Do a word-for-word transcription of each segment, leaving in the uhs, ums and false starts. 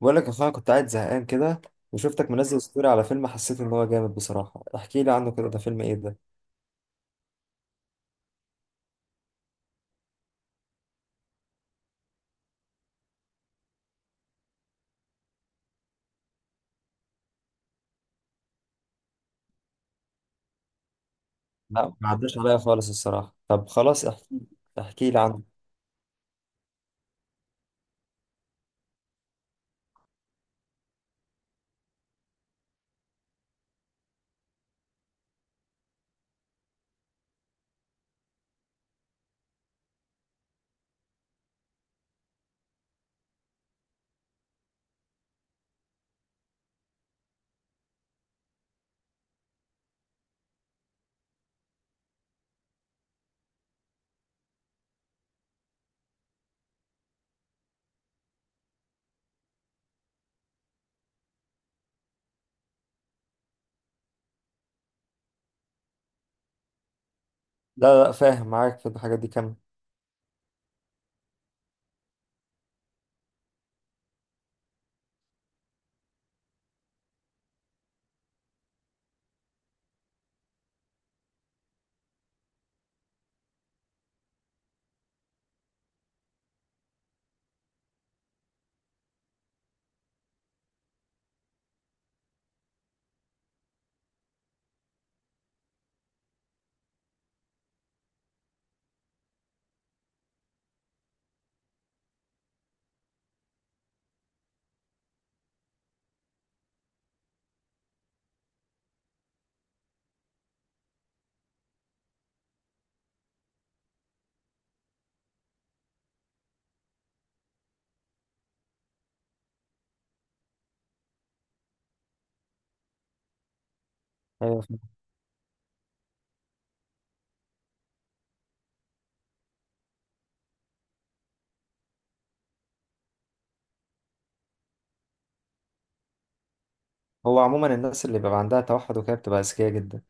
بقول لك يا اخويا، كنت قاعد زهقان كده وشفتك منزل ستوري على فيلم حسيت ان هو جامد. بصراحة احكي لي عنه كده، ده فيلم ايه ده؟ لا، ما عداش عليا خالص الصراحة. طب خلاص، احكي احكي لي عنه. لا لا، فاهم معاك في الحاجات دي كم. ايوه فاهم. هو عموما الناس اللي بيبقى عندها توحد وكده بتبقى اذكياء جدا.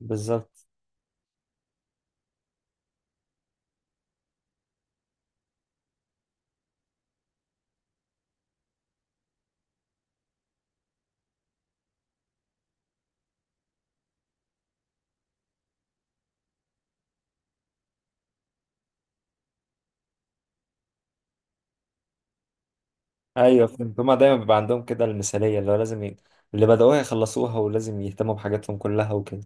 بالظبط. ايوه فهمت، هما دايما بيبقى عندهم كده المثالية اللي هو لازم ي... اللي بدأوها يخلصوها، ولازم يهتموا بحاجاتهم كلها وكده.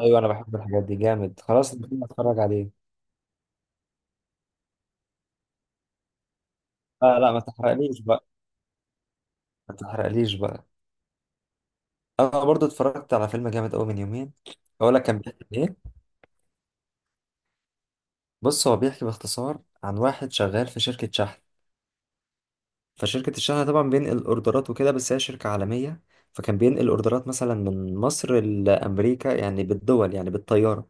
ايوه انا بحب الحاجات دي جامد، خلاص ممكن اتفرج عليه. لا لا، ما تحرقليش بقى، ما تحرقليش بقى. انا برضو اتفرجت على فيلم جامد قوي من يومين. اقول لك كان بيحكي عن ايه. بص، هو بيحكي باختصار عن واحد شغال في شركه شحن. فشركه الشحن طبعا بينقل اوردرات وكده، بس هي شركه عالميه. فكان بينقل اوردرات مثلا من مصر لامريكا، يعني بالدول، يعني بالطياره.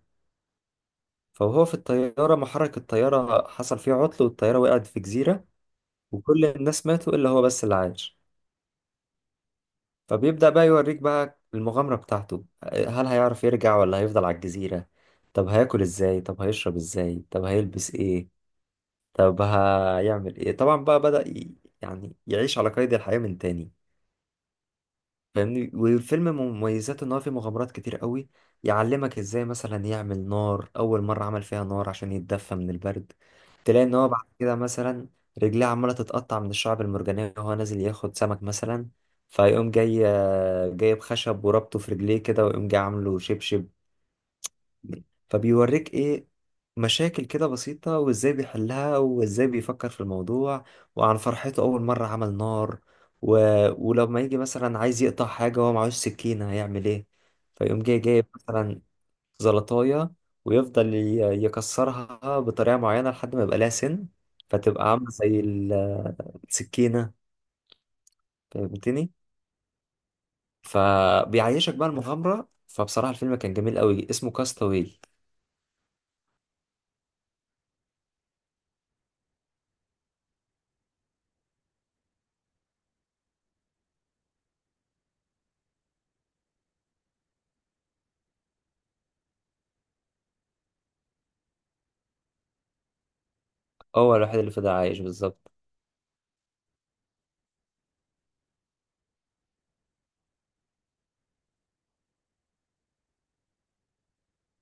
فهو في الطياره محرك الطياره حصل فيه عطل، والطياره وقعت في جزيره. وكل الناس ماتوا الا هو بس اللي عاش. فبيبدأ بقى يوريك بقى المغامرة بتاعته. هل هيعرف يرجع ولا هيفضل على الجزيرة؟ طب هياكل ازاي؟ طب هيشرب ازاي؟ طب هيلبس ايه؟ طب هيعمل ايه؟ طبعا بقى بدأ ي... يعني يعيش على قيد الحياة من تاني. فاهمني، والفيلم مميزاته ان هو فيه مغامرات كتير قوي. يعلمك ازاي مثلا يعمل نار، اول مره عمل فيها نار عشان يتدفى من البرد. تلاقي ان هو بعد كده مثلا رجليه عماله تتقطع من الشعب المرجانيه وهو نازل ياخد سمك مثلا، فيقوم جاي جايب خشب وربطه في رجليه كده، ويقوم جاي عامله شبشب. فبيوريك ايه؟ مشاكل كده بسيطة وازاي بيحلها وازاي بيفكر في الموضوع. وعن فرحته أول مرة عمل نار، و... ولما يجي مثلا عايز يقطع حاجة وهو معهوش سكينة هيعمل ايه؟ فيقوم جاي جايب مثلا زلطاية، ويفضل ي- يكسرها بطريقة معينة لحد ما يبقى لها سن، فتبقى عاملة زي ال- السكينة. فهمتني. فبيعيشك بقى المغامرة. فبصراحة الفيلم كان جميل قوي، اسمه كاستاوي. هو الوحيد اللي فضل عايش بالظبط.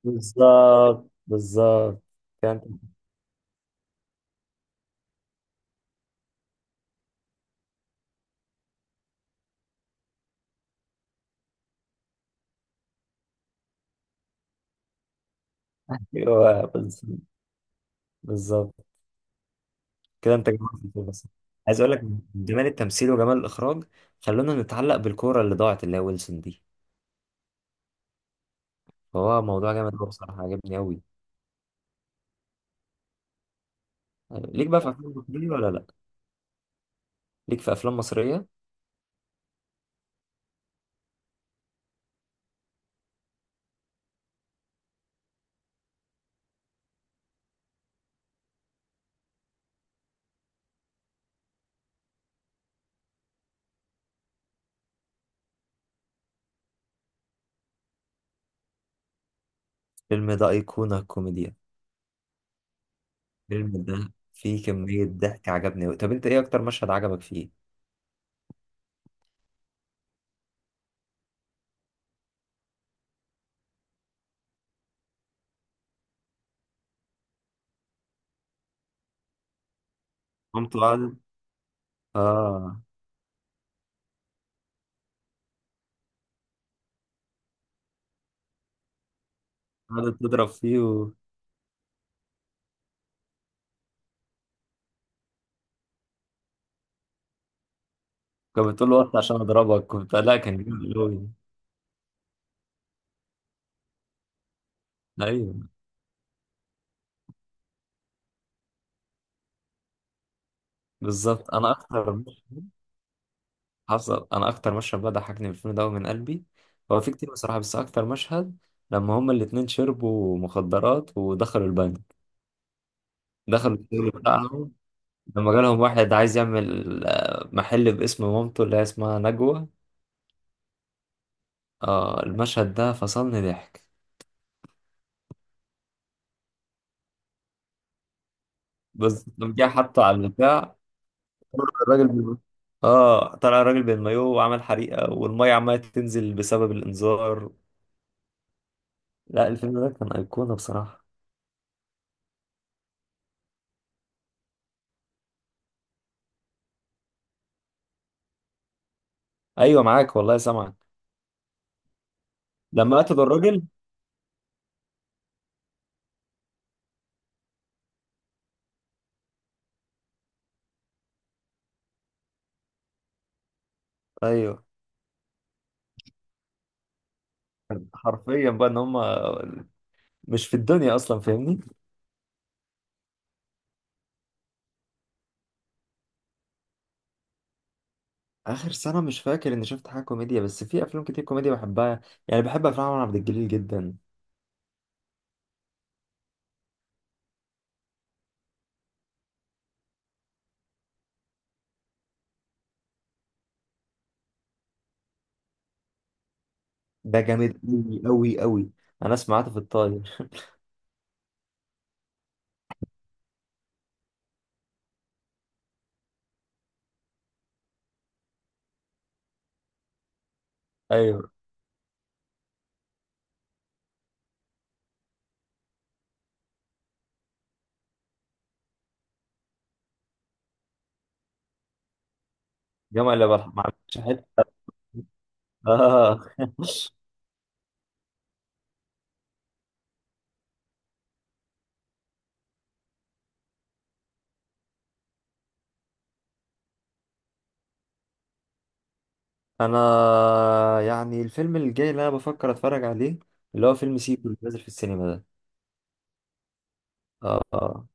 بالظبط بالظبط، كده انت. ايوه بالظبط بالظبط. كده انت جمعت الفكرة. بس عايز اقول لك جمال التمثيل وجمال الاخراج، خلونا نتعلق بالكوره اللي ضاعت اللي هي ويلسون دي. فهو موضوع جامد قوي بصراحه، عجبني قوي. ليك بقى في افلام مصريه ولا لا؟ ليك في افلام مصريه. الفيلم ده ايقونه كوميديا. الفيلم ده فيه كميه ضحك، عجبني قوي. طب انت ايه اكتر مشهد عجبك فيه؟ قمت قاعد. اه. قاعدة تضرب فيه، وكانت بتقول له وقت عشان اضربك وبتاع، لا كان جامد قوي. ايوه بالظبط. انا اكتر حصل، انا اكتر مشهد بقى ضحكني في الفيلم ده من قلبي. هو في كتير بصراحه، بس اكتر مشهد لما هما الاتنين شربوا مخدرات ودخلوا البنك، دخلوا الشغل بتاعهم، لما جالهم واحد عايز يعمل آه، محل باسم مامته اللي هي اسمها نجوى. اه، المشهد ده فصلني ضحك. بس لما جه حطه على البتاع، طلع الراجل بال- اه طلع الراجل بالمايوه وعمل حريقه، والميه عماله تنزل بسبب الانذار. لا، الفيلم ده كان ايقونه بصراحه. ايوه معاك والله، سامع. لما قتلوا الراجل. ايوه، حرفيا بقى ان هم مش في الدنيا اصلا، فاهمني. اخر سنه مش فاكر اني شفت حاجه كوميديا، بس في افلام كتير كوميديا بحبها. يعني بحب افلام عمر عبد الجليل جدا. ده جامد قوي قوي قوي. انا سمعته في الطاير. ايوه جمع اللي بلح ما عملتش حته. اه. انا يعني الفيلم الجاي اللي انا بفكر اتفرج عليه اللي هو فيلم سيكو اللي نازل في السينما ده. اه آه.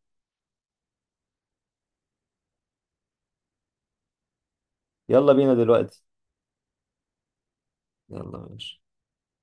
يلا بينا دلوقتي. يلا ماشي.